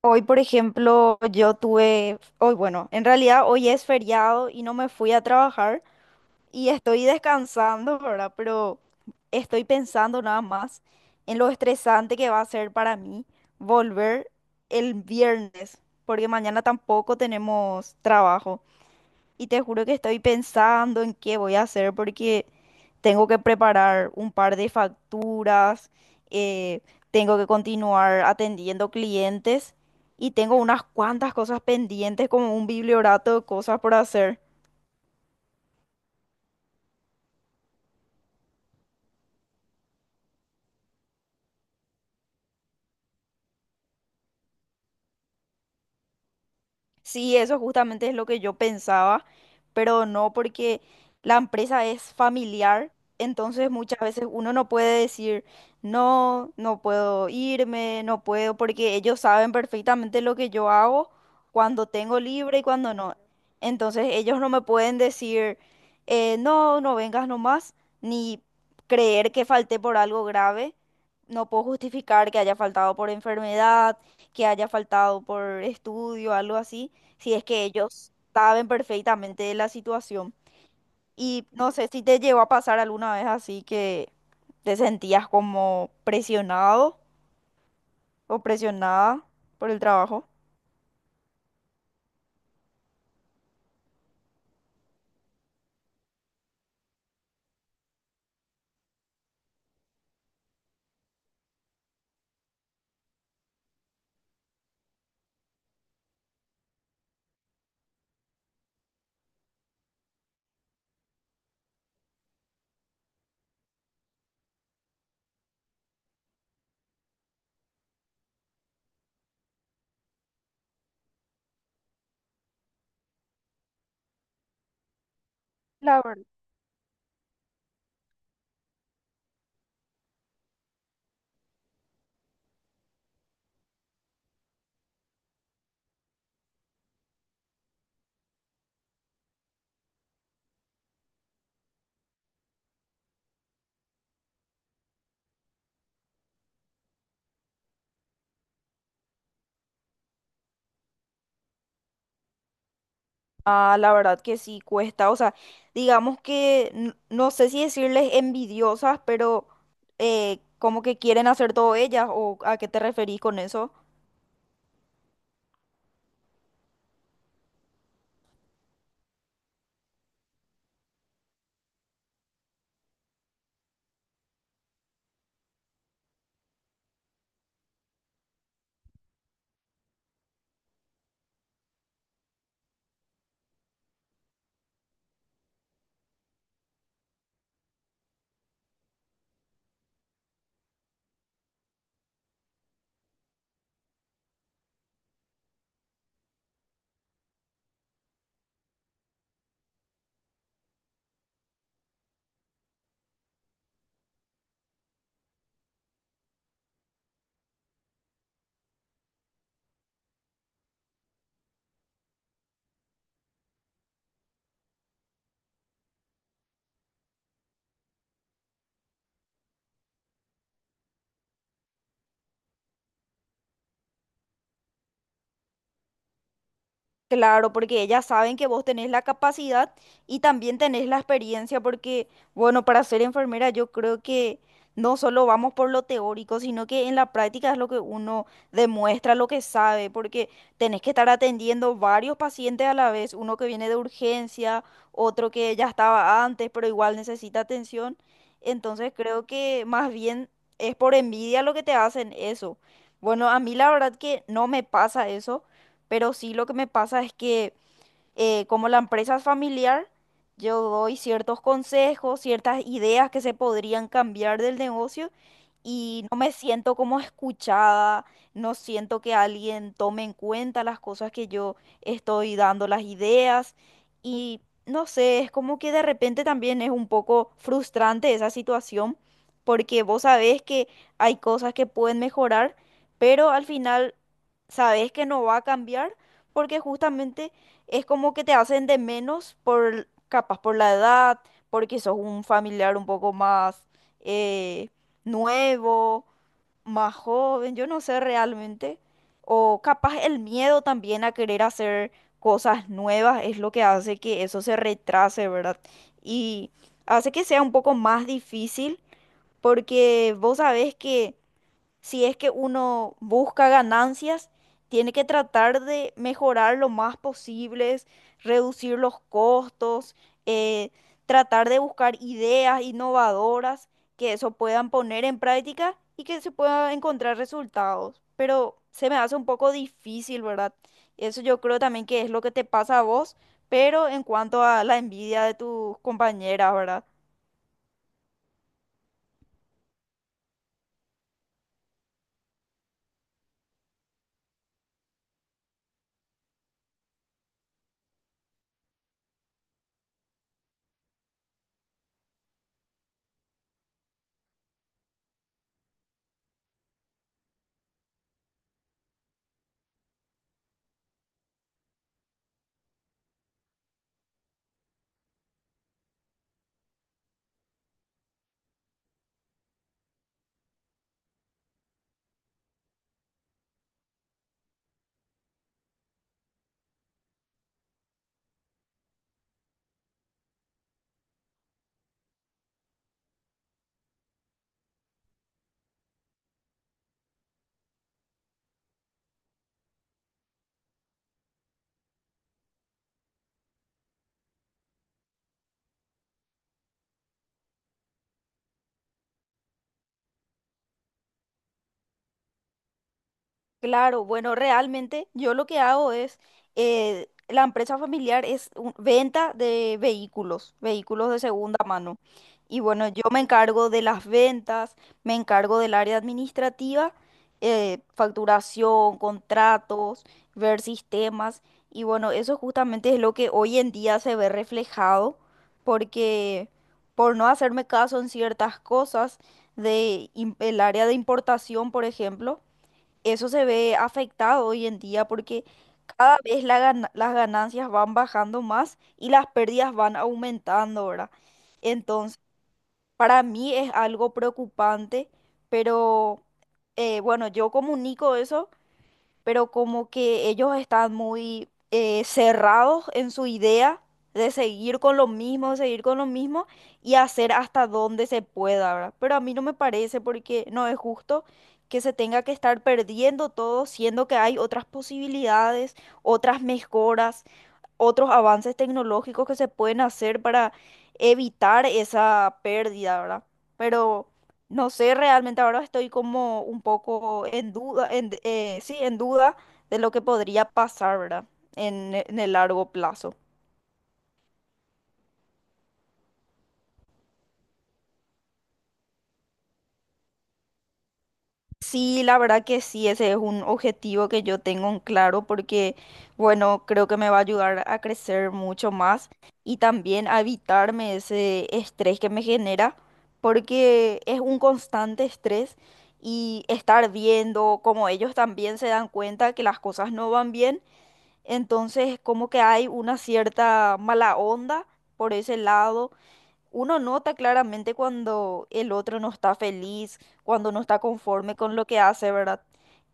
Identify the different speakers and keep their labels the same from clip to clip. Speaker 1: Hoy, por ejemplo, yo tuve, hoy, bueno, en realidad hoy es feriado y no me fui a trabajar y estoy descansando, ¿verdad? Pero estoy pensando nada más en lo estresante que va a ser para mí volver el viernes, porque mañana tampoco tenemos trabajo. Y te juro que estoy pensando en qué voy a hacer porque tengo que preparar un par de facturas, eh, tengo que continuar atendiendo clientes y tengo unas cuantas cosas pendientes como un bibliorato de cosas por hacer. Sí, eso justamente es lo que yo pensaba, pero no porque la empresa es familiar, entonces muchas veces uno no puede decir, no, no puedo irme, no puedo, porque ellos saben perfectamente lo que yo hago cuando tengo libre y cuando no. Entonces ellos no me pueden decir, "No no vengas nomás, ni creer que falté por algo grave. No puedo justificar que haya faltado por enfermedad, que haya faltado por estudio, algo así si es que ellos saben perfectamente de la situación. Y no sé si te llegó a pasar alguna vez así que te sentías como presionado o presionada por el trabajo. La verdad. Ah, la verdad que sí cuesta, o sea, digamos que no sé si decirles envidiosas, pero como que quieren hacer todo ellas o a qué te referís con eso. Claro, porque ellas saben que vos tenés la capacidad y también tenés la experiencia, porque, bueno, para ser enfermera yo creo que no solo vamos por lo teórico, sino que en la práctica es lo que uno demuestra, lo que sabe, porque tenés que estar atendiendo varios pacientes a la vez, uno que viene de urgencia, otro que ya estaba antes, pero igual necesita atención. Entonces creo que más bien es por envidia lo que te hacen eso. Bueno, a mí la verdad que no me pasa eso, pero sí lo que me pasa es que como la empresa es familiar, yo doy ciertos consejos, ciertas ideas que se podrían cambiar del negocio y no me siento como escuchada, no siento que alguien tome en cuenta las cosas que yo estoy dando, las ideas, y no sé, es como que de repente también es un poco frustrante esa situación porque vos sabés que hay cosas que pueden mejorar, pero al final sabés que no va a cambiar porque justamente es como que te hacen de menos por, capaz por la edad, porque sos un familiar un poco más eh, nuevo, más joven, yo no sé realmente. O capaz el miedo también a querer hacer cosas nuevas es lo que hace que eso se retrase, ¿verdad? Y hace que sea un poco más difícil porque vos sabés que si es que uno busca ganancias, tiene que tratar de mejorar lo más posible, reducir los costos, eh, tratar de buscar ideas innovadoras que eso puedan poner en práctica y que se puedan encontrar resultados. Pero se me hace un poco difícil, ¿verdad? Eso yo creo también que es lo que te pasa a vos, pero en cuanto a la envidia de tus compañeras, ¿verdad? Claro, bueno, realmente yo lo que hago es, la empresa familiar es venta de vehículos, vehículos de segunda mano. Y bueno, yo me encargo de las ventas, me encargo del área administrativa, facturación, contratos, ver sistemas. Y bueno, eso justamente es lo que hoy en día se ve reflejado, porque por no hacerme caso en ciertas cosas de el área de importación, por ejemplo, eso se ve afectado hoy en día porque cada vez la las ganancias van bajando más y las pérdidas van aumentando, ¿verdad? Entonces, para mí es algo preocupante, pero bueno, yo comunico eso pero como que ellos están muy cerrados en su idea de seguir con lo mismo, seguir con lo mismo y hacer hasta donde se pueda, ¿verdad? Pero a mí no me parece porque no es justo que se tenga que estar perdiendo todo, siendo que hay otras posibilidades, otras mejoras, otros avances tecnológicos que se pueden hacer para evitar esa pérdida, ¿verdad? Pero no sé, realmente ahora estoy como un poco en duda, sí, en duda de lo que podría pasar, ¿verdad? En el largo plazo. Sí, la verdad que sí, ese es un objetivo que yo tengo en claro porque, bueno, creo que me va a ayudar a crecer mucho más y también a evitarme ese estrés que me genera porque es un constante estrés y estar viendo como ellos también se dan cuenta que las cosas no van bien, entonces como que hay una cierta mala onda por ese lado, uno nota claramente cuando el otro no está feliz, cuando no está conforme con lo que hace, ¿verdad?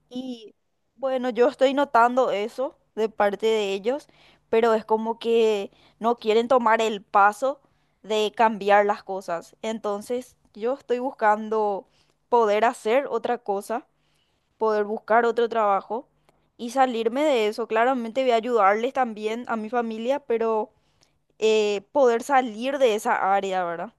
Speaker 1: Y bueno, yo estoy notando eso de parte de ellos, pero es como que no quieren tomar el paso de cambiar las cosas. Entonces, yo estoy buscando poder hacer otra cosa, poder buscar otro trabajo y salirme de eso. Claramente voy a ayudarles también a mi familia, pero poder salir de esa área, ¿verdad?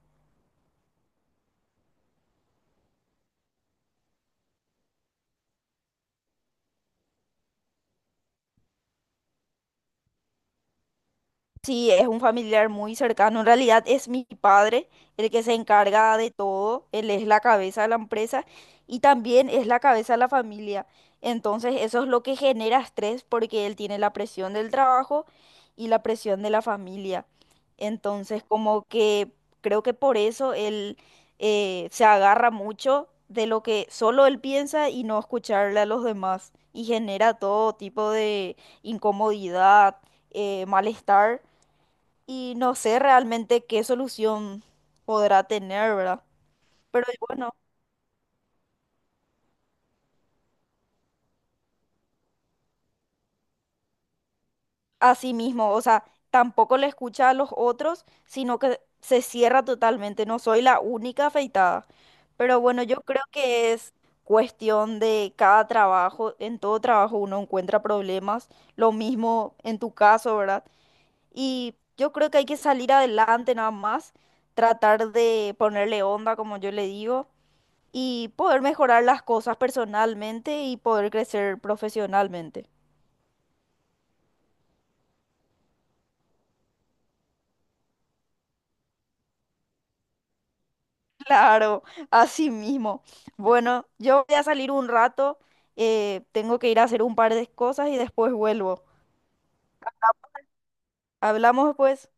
Speaker 1: Sí, es un familiar muy cercano. En realidad es mi padre el que se encarga de todo. Él es la cabeza de la empresa y también es la cabeza de la familia. Entonces eso es lo que genera estrés porque él tiene la presión del trabajo y la presión de la familia. Entonces como que creo que por eso él se agarra mucho de lo que solo él piensa y no escucharle a los demás y genera todo tipo de incomodidad, malestar, y no sé realmente qué solución podrá tener, ¿verdad? Pero y bueno, así mismo, o sea, tampoco le escucha a los otros, sino que se cierra totalmente. No soy la única afeitada. Pero bueno, yo creo que es cuestión de cada trabajo. En todo trabajo uno encuentra problemas. Lo mismo en tu caso, ¿verdad? Y yo creo que hay que salir adelante nada más, tratar de ponerle onda, como yo le digo, y poder mejorar las cosas personalmente y poder crecer profesionalmente. Claro, así mismo. Bueno, yo voy a salir un rato, tengo que ir a hacer un par de cosas y después vuelvo. Hablamos después.